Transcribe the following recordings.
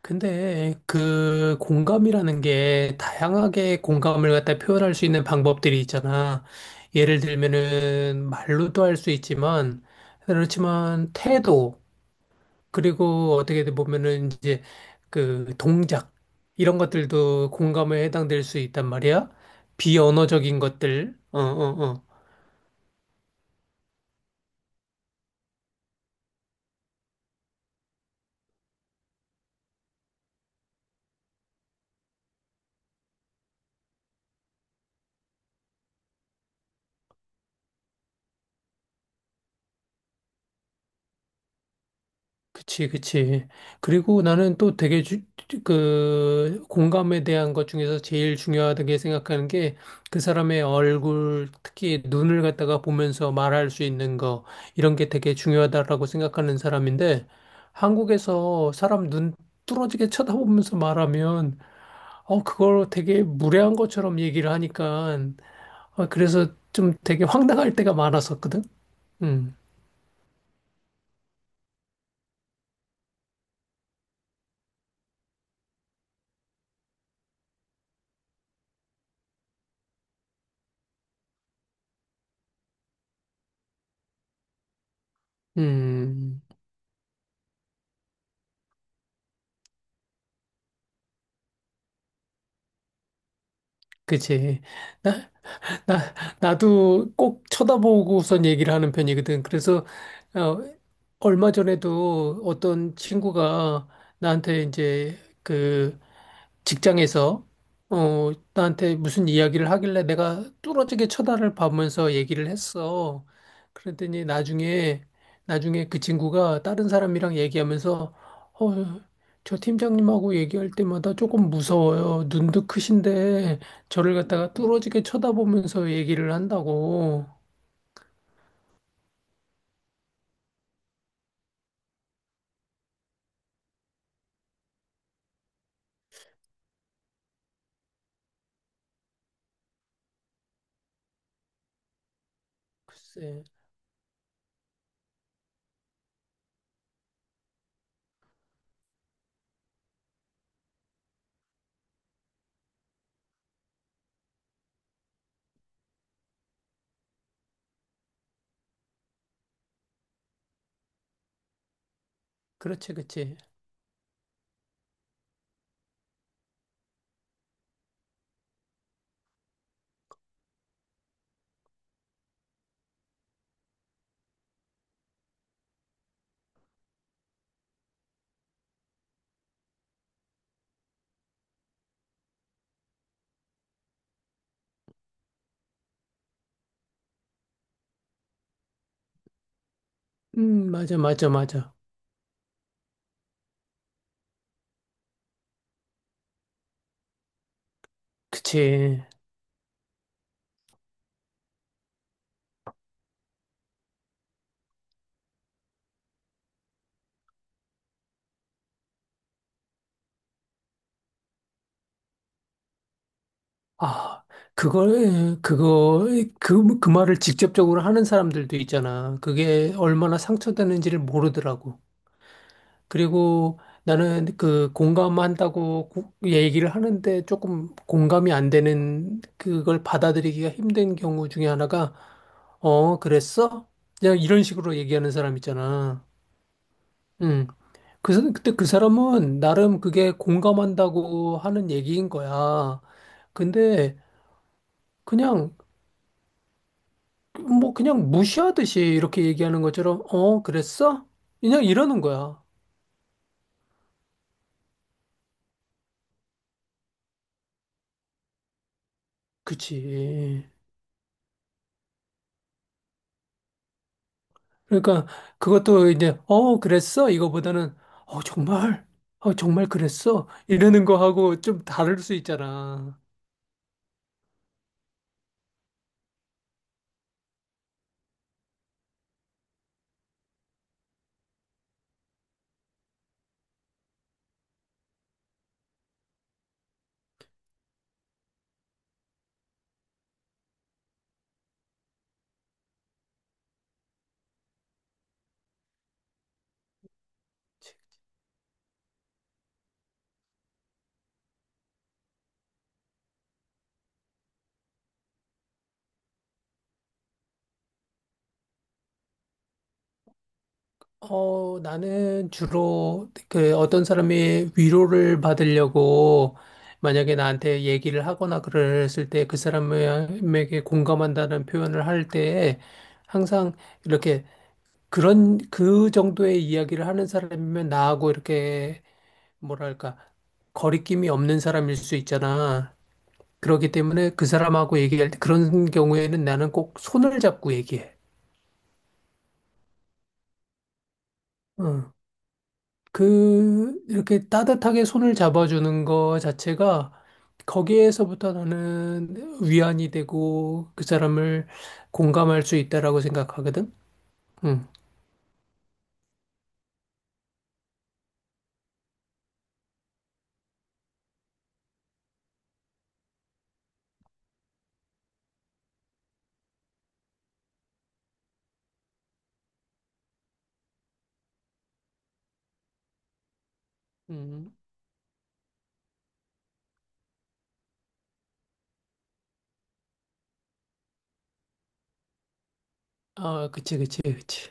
근데 그 공감이라는 게 다양하게 공감을 갖다 표현할 수 있는 방법들이 있잖아. 예를 들면은 말로도 할 수 있지만 그렇지만 태도 그리고 어떻게 보면은 이제 그 동작 이런 것들도 공감에 해당될 수 있단 말이야. 비언어적인 것들. 어어어. 그치, 그치. 그리고 나는 또 되게 주, 그 공감에 대한 것 중에서 제일 중요하다고 생각하는 게 그 사람의 얼굴, 특히 눈을 갖다가 보면서 말할 수 있는 거, 이런 게 되게 중요하다라고 생각하는 사람인데 한국에서 사람 눈 뚫어지게 쳐다보면서 말하면 그걸 되게 무례한 것처럼 얘기를 하니까 그래서 좀 되게 황당할 때가 많았었거든. 음, 음, 그치. 나, 나도 꼭 쳐다보고선 얘기를 하는 편이거든. 그래서, 어, 얼마 전에도 어떤 친구가 나한테 이제 그 직장에서, 나한테 무슨 이야기를 하길래 내가 뚫어지게 쳐다를 보면서 얘기를 했어. 그랬더니 나중에 그 친구가 다른 사람이랑 얘기하면서, 어, 저 팀장님하고 얘기할 때마다 조금 무서워요. 눈도 크신데, 저를 갖다가 뚫어지게 쳐다보면서 얘기를 한다고. 글쎄. 그렇지, 그렇지. 맞아, 맞아, 맞아. 그치. 아, 그걸, 그거, 그 말을 직접적으로 하는 사람들도 있잖아. 그게 얼마나 상처되는지를 모르더라고. 그리고 나는 그 공감한다고 얘기를 하는데 조금 공감이 안 되는 그걸 받아들이기가 힘든 경우 중에 하나가, 어, 그랬어? 그냥 이런 식으로 얘기하는 사람 있잖아. 음. 그때 그 사람은 나름 그게 공감한다고 하는 얘기인 거야. 근데 그냥, 뭐 그냥 무시하듯이 이렇게 얘기하는 것처럼, 어, 그랬어? 그냥 이러는 거야. 그치. 그러니까 그것도 이제, 어, 그랬어? 이거보다는, 어, 정말? 어, 정말 그랬어? 이러는 거하고 좀 다를 수 있잖아. 어, 나는 주로 그 어떤 사람이 위로를 받으려고 만약에 나한테 얘기를 하거나 그랬을 때 그 사람에게 공감한다는 표현을 할 때 항상 이렇게 그런 그 정도의 이야기를 하는 사람이면 나하고 이렇게 뭐랄까 거리낌이 없는 사람일 수 있잖아. 그렇기 때문에 그 사람하고 얘기할 때 그런 경우에는 나는 꼭 손을 잡고 얘기해. 응. 그, 이렇게 따뜻하게 손을 잡아주는 거 자체가 거기에서부터 나는 위안이 되고 그 사람을 공감할 수 있다라고 생각하거든. 응. 음. 아, 그치, 그치, 그치.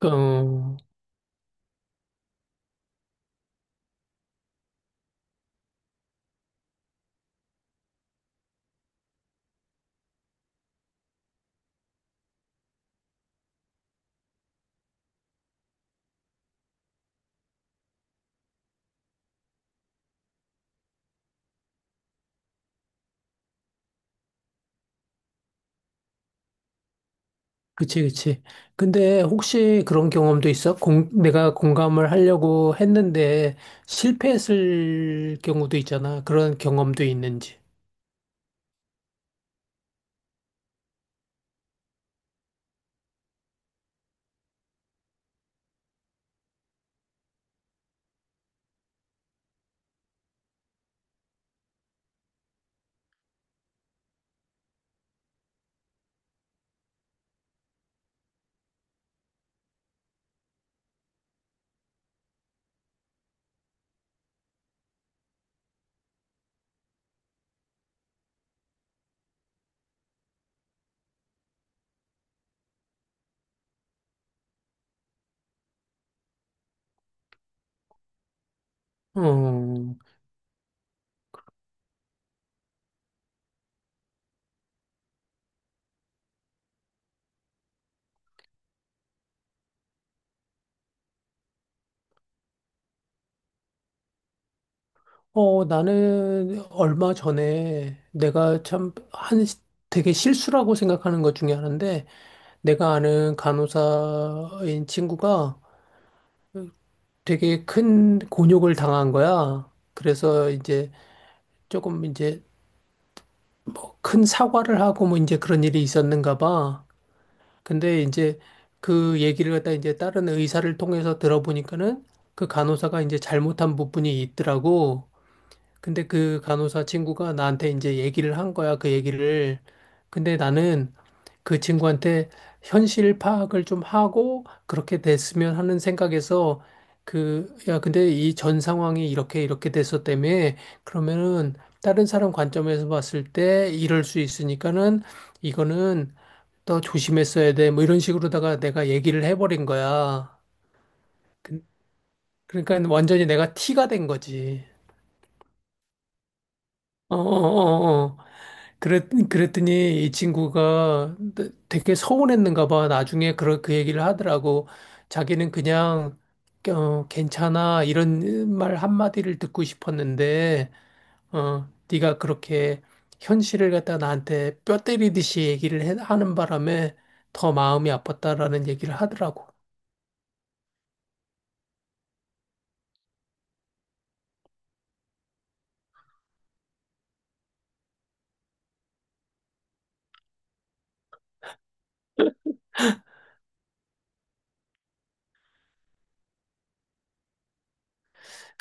어, 그치, 그치. 근데 혹시 그런 경험도 있어? 내가 공감을 하려고 했는데 실패했을 경우도 있잖아. 그런 경험도 있는지. 어. 어, 나는 얼마 전에 내가 참 한 되게 실수라고 생각하는 것 중에 하나인데 내가 아는 간호사인 친구가 되게 큰 곤욕을 당한 거야. 그래서 조금 이제 큰 사과를 하고 뭐 이제 그런 일이 있었는가 봐. 근데 이제 그 얘기를 갖다 이제 다른 의사를 통해서 들어보니까는 그 간호사가 이제 잘못한 부분이 있더라고. 근데 그 간호사 친구가 나한테 이제 얘기를 한 거야, 그 얘기를. 근데 나는 그 친구한테 현실 파악을 좀 하고 그렇게 됐으면 하는 생각에서 야, 근데 이 전 상황이 이렇게 돼서 때문에 그러면은 다른 사람 관점에서 봤을 때 이럴 수 있으니까는 이거는 더 조심했어야 돼. 뭐 이런 식으로다가 내가 얘기를 해버린 거야. 그- 그러니까 완전히 내가 티가 된 거지. 어어어어. 그랬더니 이 친구가 되게 서운했는가 봐. 나중에 그 얘기를 하더라고. 자기는 그냥 어, 괜찮아 이런 말 한마디를 듣고 싶었는데 어, 네가 그렇게 현실을 갖다 나한테 뼈 때리듯이 하는 바람에 더 마음이 아팠다라는 얘기를 하더라고.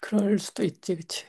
그럴 수도 있지, 그치?